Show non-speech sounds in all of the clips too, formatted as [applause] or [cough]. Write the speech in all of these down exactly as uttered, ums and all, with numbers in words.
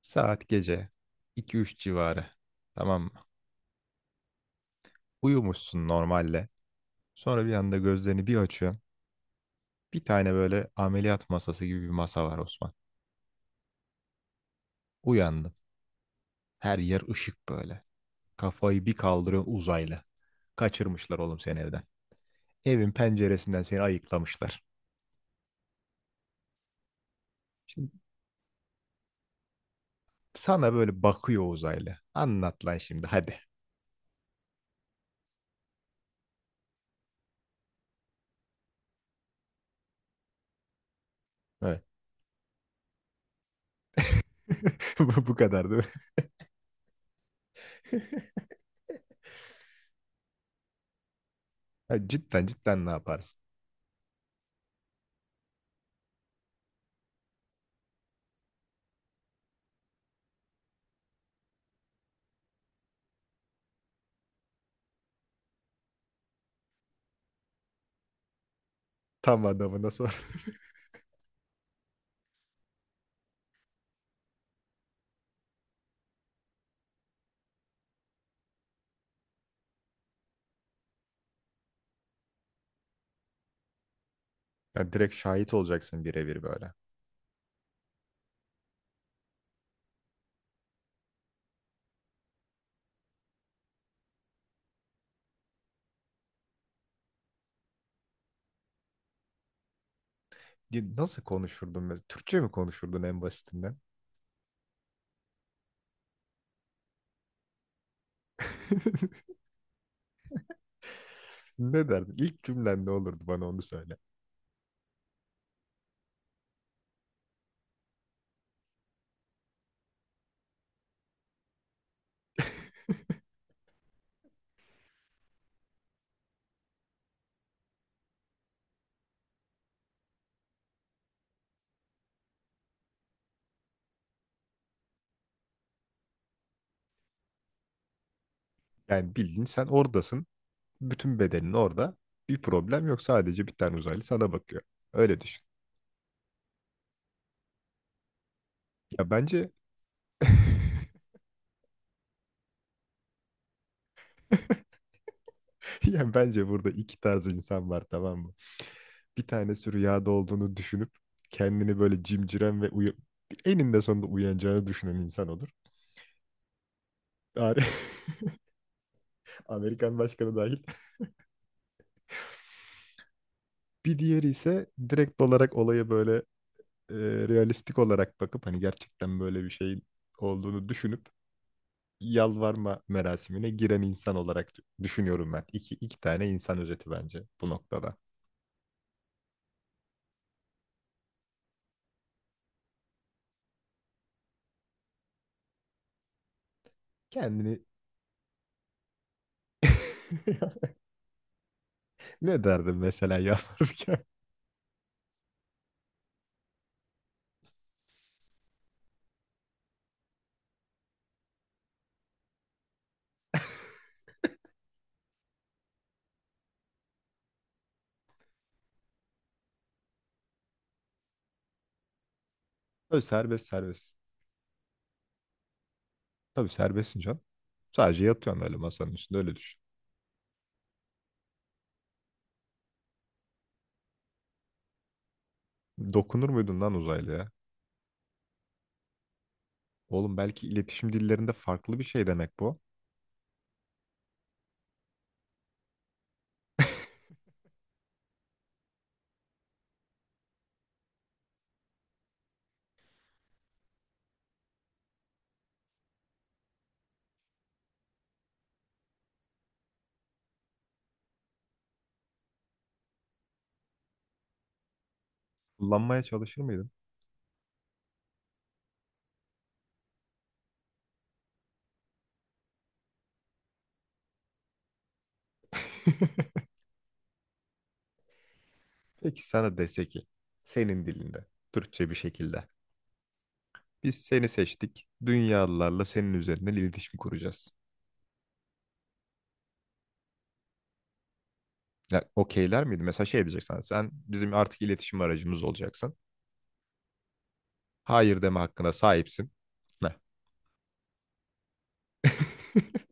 Saat gece iki üç civarı. Tamam mı? Uyumuşsun normalde. Sonra bir anda gözlerini bir açıyorsun. Bir tane böyle ameliyat masası gibi bir masa var Osman. Uyandın. Her yer ışık böyle. Kafayı bir kaldırıyorsun uzaylı. Kaçırmışlar oğlum seni evden. Evin penceresinden seni ayıklamışlar. Şimdi sana böyle bakıyor uzaylı. Anlat lan şimdi hadi. Evet. [laughs] Bu bu kadar değil mi? [laughs] Ya cidden cidden ne yaparsın? Tam adamına sor. [laughs] Ya direkt şahit olacaksın birebir böyle. Ya nasıl konuşurdun mesela? Türkçe mi konuşurdun en basitinden? [laughs] Ne derdin? İlk cümlen ne olurdu, bana onu söyle. [laughs] Yani bildiğin sen oradasın. Bütün bedenin orada. Bir problem yok. Sadece bir tane uzaylı sana bakıyor. Öyle düşün. Ya bence [laughs] ya bence burada iki tarz insan var, tamam mı? Bir tanesi rüyada olduğunu düşünüp kendini böyle cimciren ve uyu eninde sonunda uyanacağını düşünen insan olur. Ar- [laughs] Amerikan başkanı dahil. Bir diğeri ise direkt olarak olaya böyle e, realistik olarak bakıp hani gerçekten böyle bir şeyin olduğunu düşünüp yalvarma merasimine giren insan olarak dü- düşünüyorum ben. İki, iki tane insan özeti bence bu noktada. Kendini [laughs] ne derdin mesela yalvarırken? [laughs] Tabii serbest serbest. Tabii serbestsin can. Sadece yatıyorsun öyle masanın üstünde, öyle düşün. Dokunur muydun lan uzaylıya? Oğlum belki iletişim dillerinde farklı bir şey demek bu. [laughs] Kullanmaya çalışır mıydın? [laughs] Peki sana dese ki senin dilinde, Türkçe bir şekilde. Biz seni seçtik. Dünyalılarla senin üzerinden iletişim kuracağız. Ya okeyler miydi? Mesela şey diyecek, sen bizim artık iletişim aracımız olacaksın. Hayır deme hakkına sahipsin. Ne? [laughs]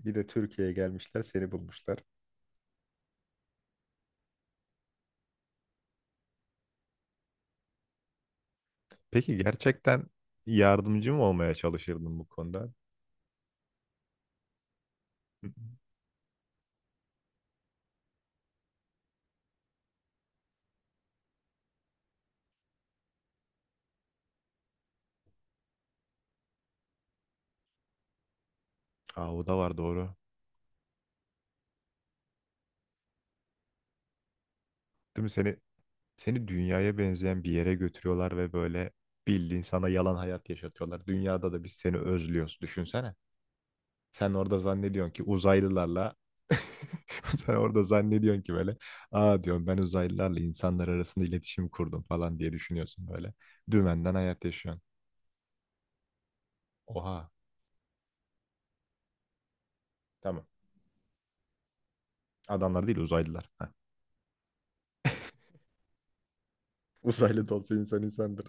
Bir de Türkiye'ye gelmişler, seni bulmuşlar. Peki gerçekten yardımcı mı olmaya çalışırdın bu konuda? Hı hı. Aa, o da var, doğru. Değil mi? Seni Seni dünyaya benzeyen bir yere götürüyorlar ve böyle bildiğin sana yalan hayat yaşatıyorlar. Dünyada da biz seni özlüyoruz. Düşünsene. Sen orada zannediyorsun ki uzaylılarla [laughs] sen orada zannediyorsun ki böyle, aa diyorum ben uzaylılarla insanlar arasında iletişim kurdum falan diye düşünüyorsun böyle. Dümenden hayat yaşıyorsun. Oha. Tamam. Adamlar değil, uzaylılar. Heh. [laughs] Uzaylı da olsa insan insandır.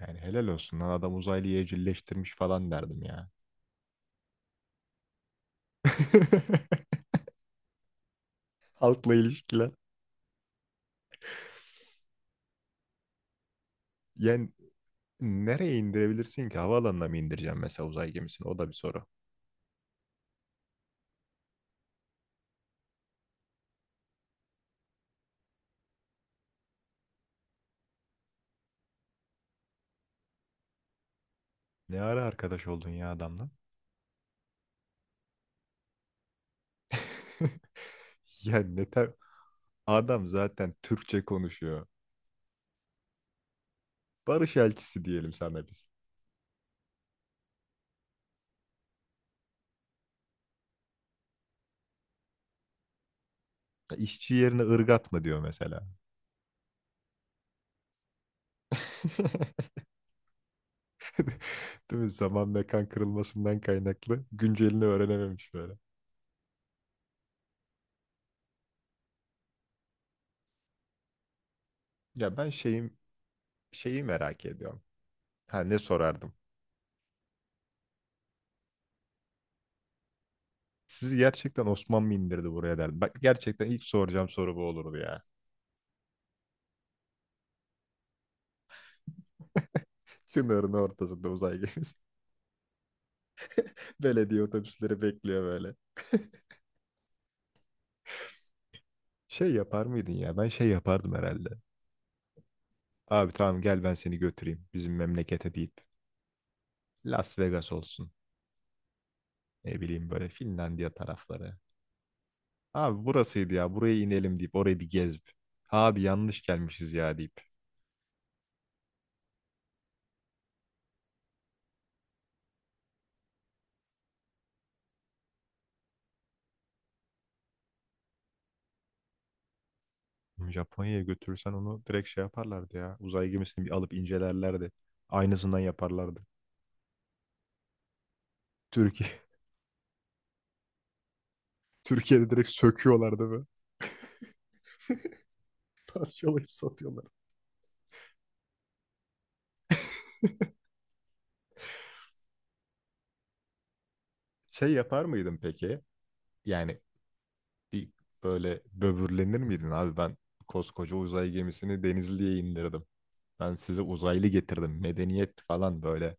Yani helal olsun lan, adam uzaylıyı evcilleştirmiş falan derdim ya. [laughs] Halkla ilişkiler. Yani nereye indirebilirsin ki? Havaalanına mı indireceğim mesela uzay gemisini? O da bir soru. Ne ara arkadaş oldun ya adamla? [laughs] Ya ne ter... Adam zaten Türkçe konuşuyor. Barış elçisi diyelim sana biz. İşçi yerine ırgat mı diyor mesela. [laughs] Değil mi? Zaman mekan kırılmasından kaynaklı güncelini öğrenememiş böyle. Ya ben şeyim, şeyi merak ediyorum. Ha, ne sorardım? Sizi gerçekten Osman mı indirdi buraya derdim. Bak, gerçekten ilk soracağım soru bu olurdu ya. Çınarın ortasında uzay gemisi. [laughs] Belediye otobüsleri bekliyor böyle. [laughs] Şey yapar mıydın ya? Ben şey yapardım herhalde. Abi tamam, gel ben seni götüreyim bizim memlekete deyip. Las Vegas olsun. Ne bileyim, böyle Finlandiya tarafları. Abi burasıydı ya, buraya inelim deyip orayı bir gezip. Abi yanlış gelmişiz ya deyip. Japonya'ya götürürsen onu direkt şey yaparlardı ya. Uzay gemisini bir alıp incelerlerdi. Aynısından yaparlardı. Türkiye [laughs] Türkiye'de direkt söküyorlardı ve [laughs] parçalayıp satıyorlar. Şey yapar mıydın peki? Yani bir böyle böbürlenir miydin, abi ben koskoca uzay gemisini Denizli'ye indirdim. Ben size uzaylı getirdim. Medeniyet falan böyle.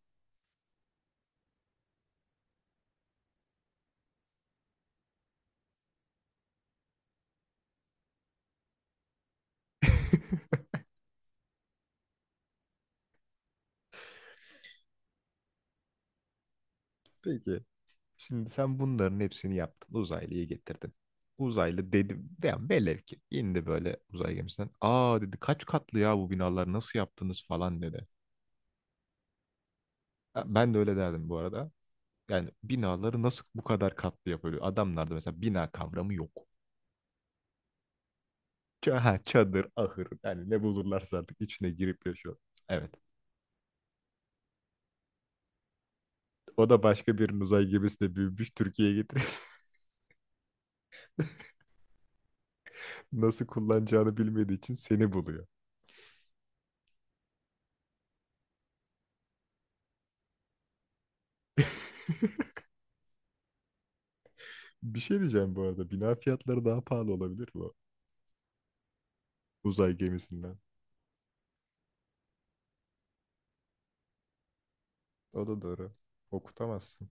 [laughs] Peki. Şimdi sen bunların hepsini yaptın. Uzaylıyı getirdin. Uzaylı dedi. Yani velev ki indi böyle uzay gemisinden. Aa dedi, kaç katlı ya bu binalar, nasıl yaptınız falan dedi. Ha, ben de öyle derdim bu arada. Yani binaları nasıl bu kadar katlı yapıyor? Adamlarda mesela bina kavramı yok. Ç- ha, çadır, ahır, yani ne bulurlarsa artık içine girip yaşıyor. Evet. O da başka bir uzay gemisine büyümüş, Türkiye'ye getirip [laughs] nasıl kullanacağını bilmediği için seni buluyor. [laughs] Bir şey diyeceğim bu arada. Bina fiyatları daha pahalı olabilir mi o uzay gemisinden? O da doğru. Okutamazsın.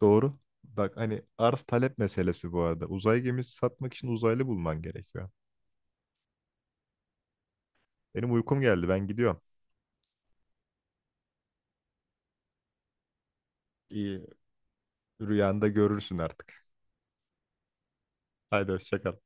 Doğru. Bak hani arz talep meselesi bu arada. Uzay gemisi satmak için uzaylı bulman gerekiyor. Benim uykum geldi. Ben gidiyorum. İyi. Rüyanda görürsün artık. Haydi hoşça kal.